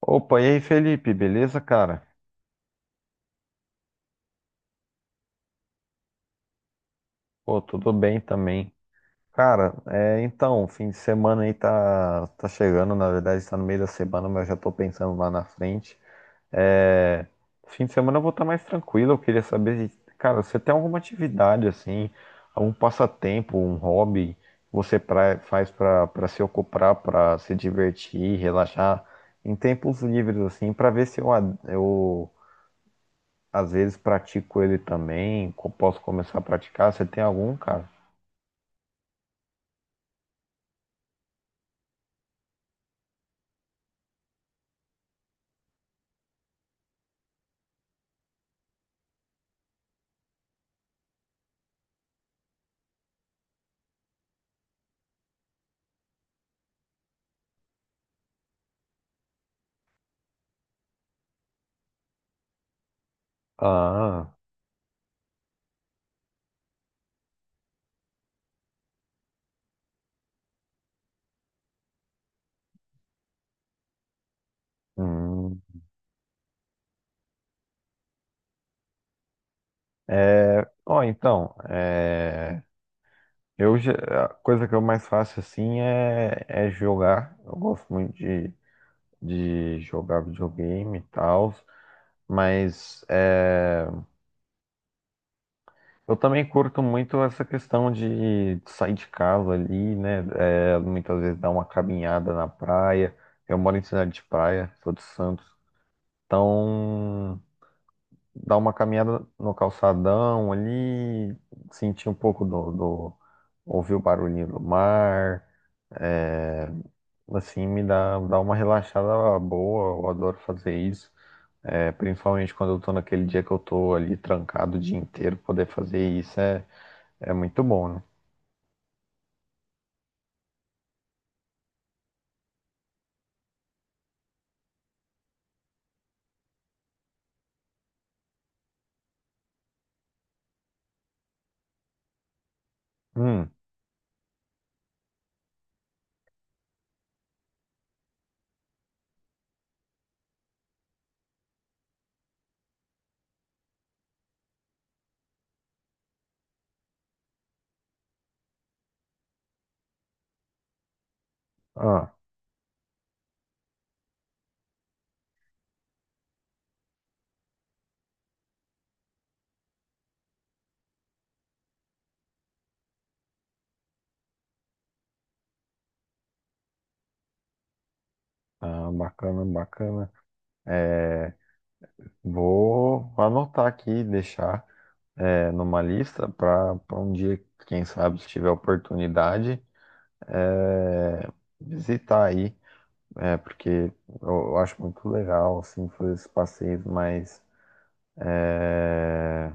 Opa, e aí, Felipe, beleza, cara? Pô, tudo bem também. Cara, fim de semana aí tá chegando, na verdade está no meio da semana, mas eu já tô pensando lá na frente. É, fim de semana eu vou estar mais tranquilo, eu queria saber, cara, você tem alguma atividade assim, algum passatempo, um hobby que você faz pra para se ocupar, pra se divertir, relaxar em tempos livres assim, pra ver se eu às vezes pratico ele também, posso começar a praticar. Você tem algum, cara? Ah, hum. Ó, então, eu, já- a coisa que eu mais faço assim é jogar. Eu gosto muito de jogar videogame e tal, mas eu também curto muito essa questão de sair de casa ali, né? É, muitas vezes dar uma caminhada na praia. Eu moro em cidade de praia, sou de Santos. Então, dar uma caminhada no calçadão ali, sentir um pouco ouvir o barulhinho do mar, é, assim, dá uma relaxada boa, eu adoro fazer isso. É, principalmente quando eu tô naquele dia que eu tô ali trancado o dia inteiro, poder fazer isso é muito bom, né? Hum, ah, ah, bacana, bacana. É, vou anotar aqui, e deixar é, numa lista para um dia, quem sabe, se tiver oportunidade. É, visitar aí, é, porque eu acho muito legal, assim, fazer esses passeios mais, é,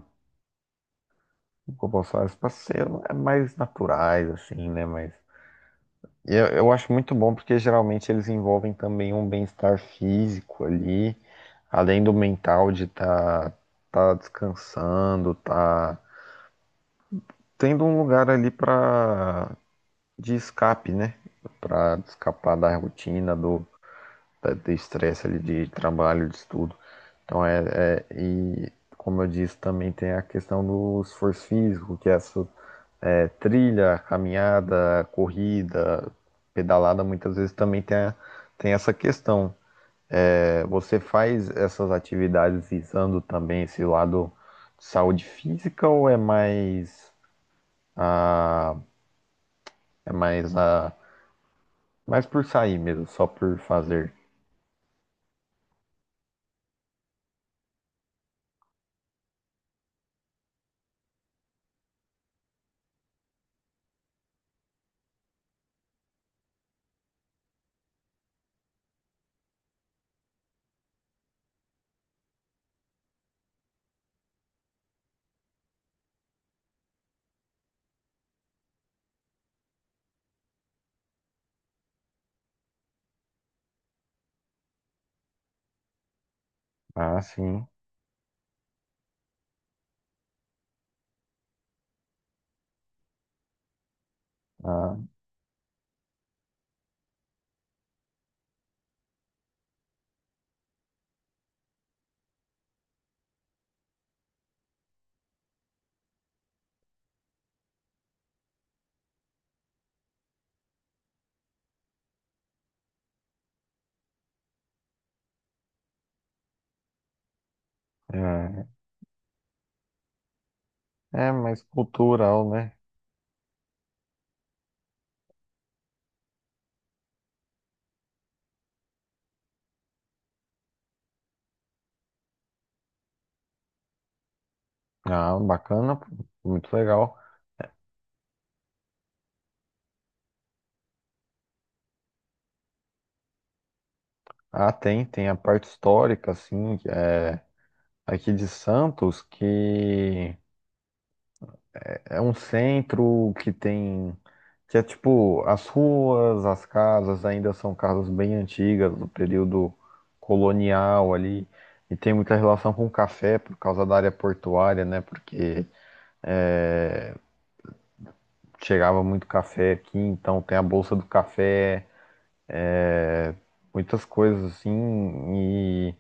como que eu posso falar, esses passeios é mais naturais, assim, né, mas eu acho muito bom porque geralmente eles envolvem também um bem-estar físico ali, além do mental de tá descansando, tá tendo um lugar ali para de escape, né? Para escapar da rotina, de estresse ali de trabalho, de estudo. Então e como eu disse, também tem a questão do esforço físico, que é essa é, trilha, caminhada, corrida, pedalada, muitas vezes também tem essa questão. É, você faz essas atividades visando também esse lado de saúde física ou é a, mais a, mais por sair mesmo, só por fazer? Ah, sim. Ah, é. É mais cultural, né? Ah, bacana, pô, muito legal. Ah, tem, tem a parte histórica, assim, é, aqui de Santos, que é um centro que é tipo, as ruas, as casas ainda são casas bem antigas, do período colonial ali, e tem muita relação com café, por causa da área portuária, né? Porque chegava muito café aqui, então tem a Bolsa do Café, muitas coisas assim. E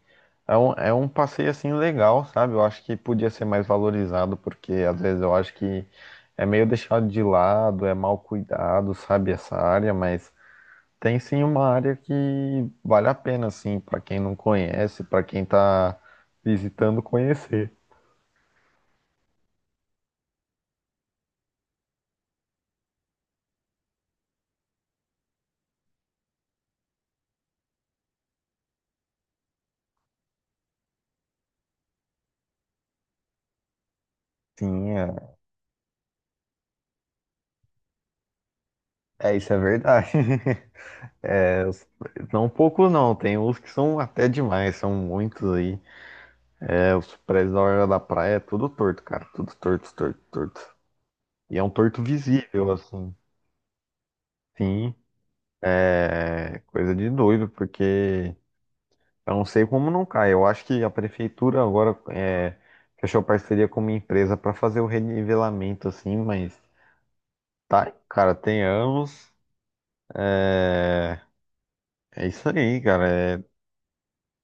é é um passeio assim legal, sabe? Eu acho que podia ser mais valorizado porque às vezes eu acho que é meio deixado de lado, é mal cuidado, sabe? Essa área, mas tem sim uma área que vale a pena assim para quem não conhece, para quem tá visitando conhecer. Sim, é, isso é verdade. É, não poucos não, tem uns que são até demais, são muitos aí. É, os prédios da Orla da Praia é tudo torto, cara. Tudo torto, torto, torto. E é um torto visível, assim. Sim, é coisa de doido, porque eu não sei como não cai. Eu acho que a prefeitura agora é, fechou parceria com uma empresa para fazer o renivelamento, assim, mas tá, cara, tem anos. É, é isso aí, cara. É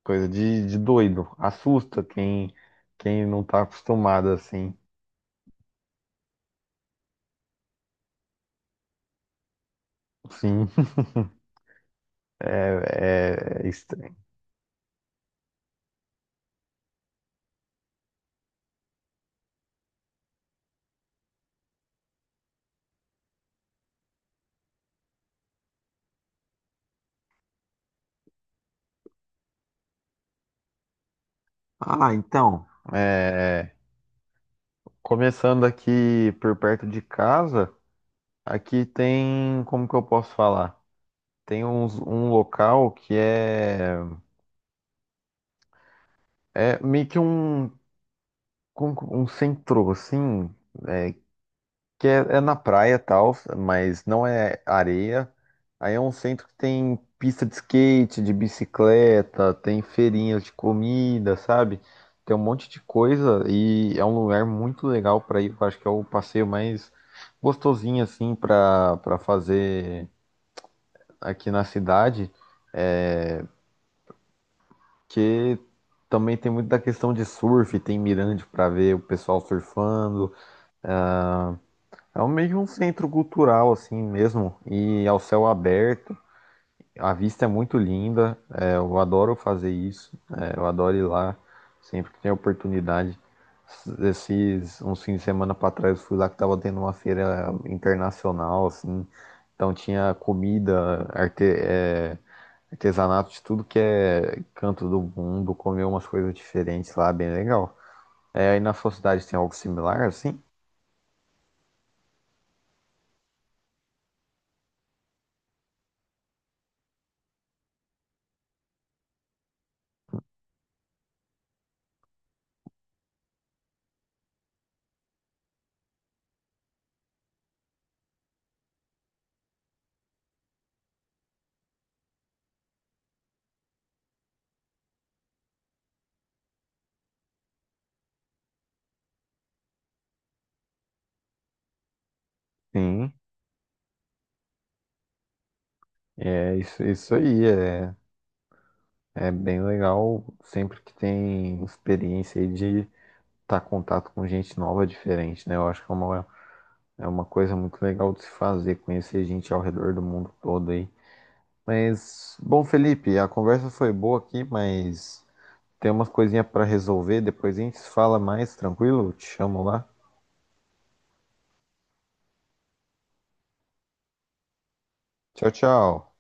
coisa de doido. Assusta quem não tá acostumado, assim. Sim, é, é, é ah, então, é, começando aqui por perto de casa, aqui tem, como que eu posso falar? Um local que é meio que um centro, assim, é, que é na praia e tal, mas não é areia. Aí é um centro que tem pista de skate, de bicicleta, tem feirinhas de comida, sabe? Tem um monte de coisa e é um lugar muito legal para ir. Eu acho que é o passeio mais gostosinho assim para fazer aqui na cidade, que também tem muito da questão de surf, tem mirante para ver o pessoal surfando. É um meio que um centro cultural assim mesmo e ao céu aberto. A vista é muito linda, é, eu adoro fazer isso, é, eu adoro ir lá sempre que tem oportunidade. Esses uns fins de semana para trás eu fui lá que tava tendo uma feira internacional, assim, então tinha comida, artesanato de tudo que é canto do mundo, comer umas coisas diferentes lá, bem legal. É, aí na sua cidade tem algo similar, assim? Sim, é isso, isso aí, é, é bem legal sempre que tem experiência aí de estar em contato com gente nova é diferente, né? Eu acho que é é uma coisa muito legal de se fazer, conhecer gente ao redor do mundo todo aí. Mas, bom, Felipe, a conversa foi boa aqui, mas tem umas coisinhas para resolver. Depois a gente fala mais, tranquilo? Te chamo lá. Tchau, tchau.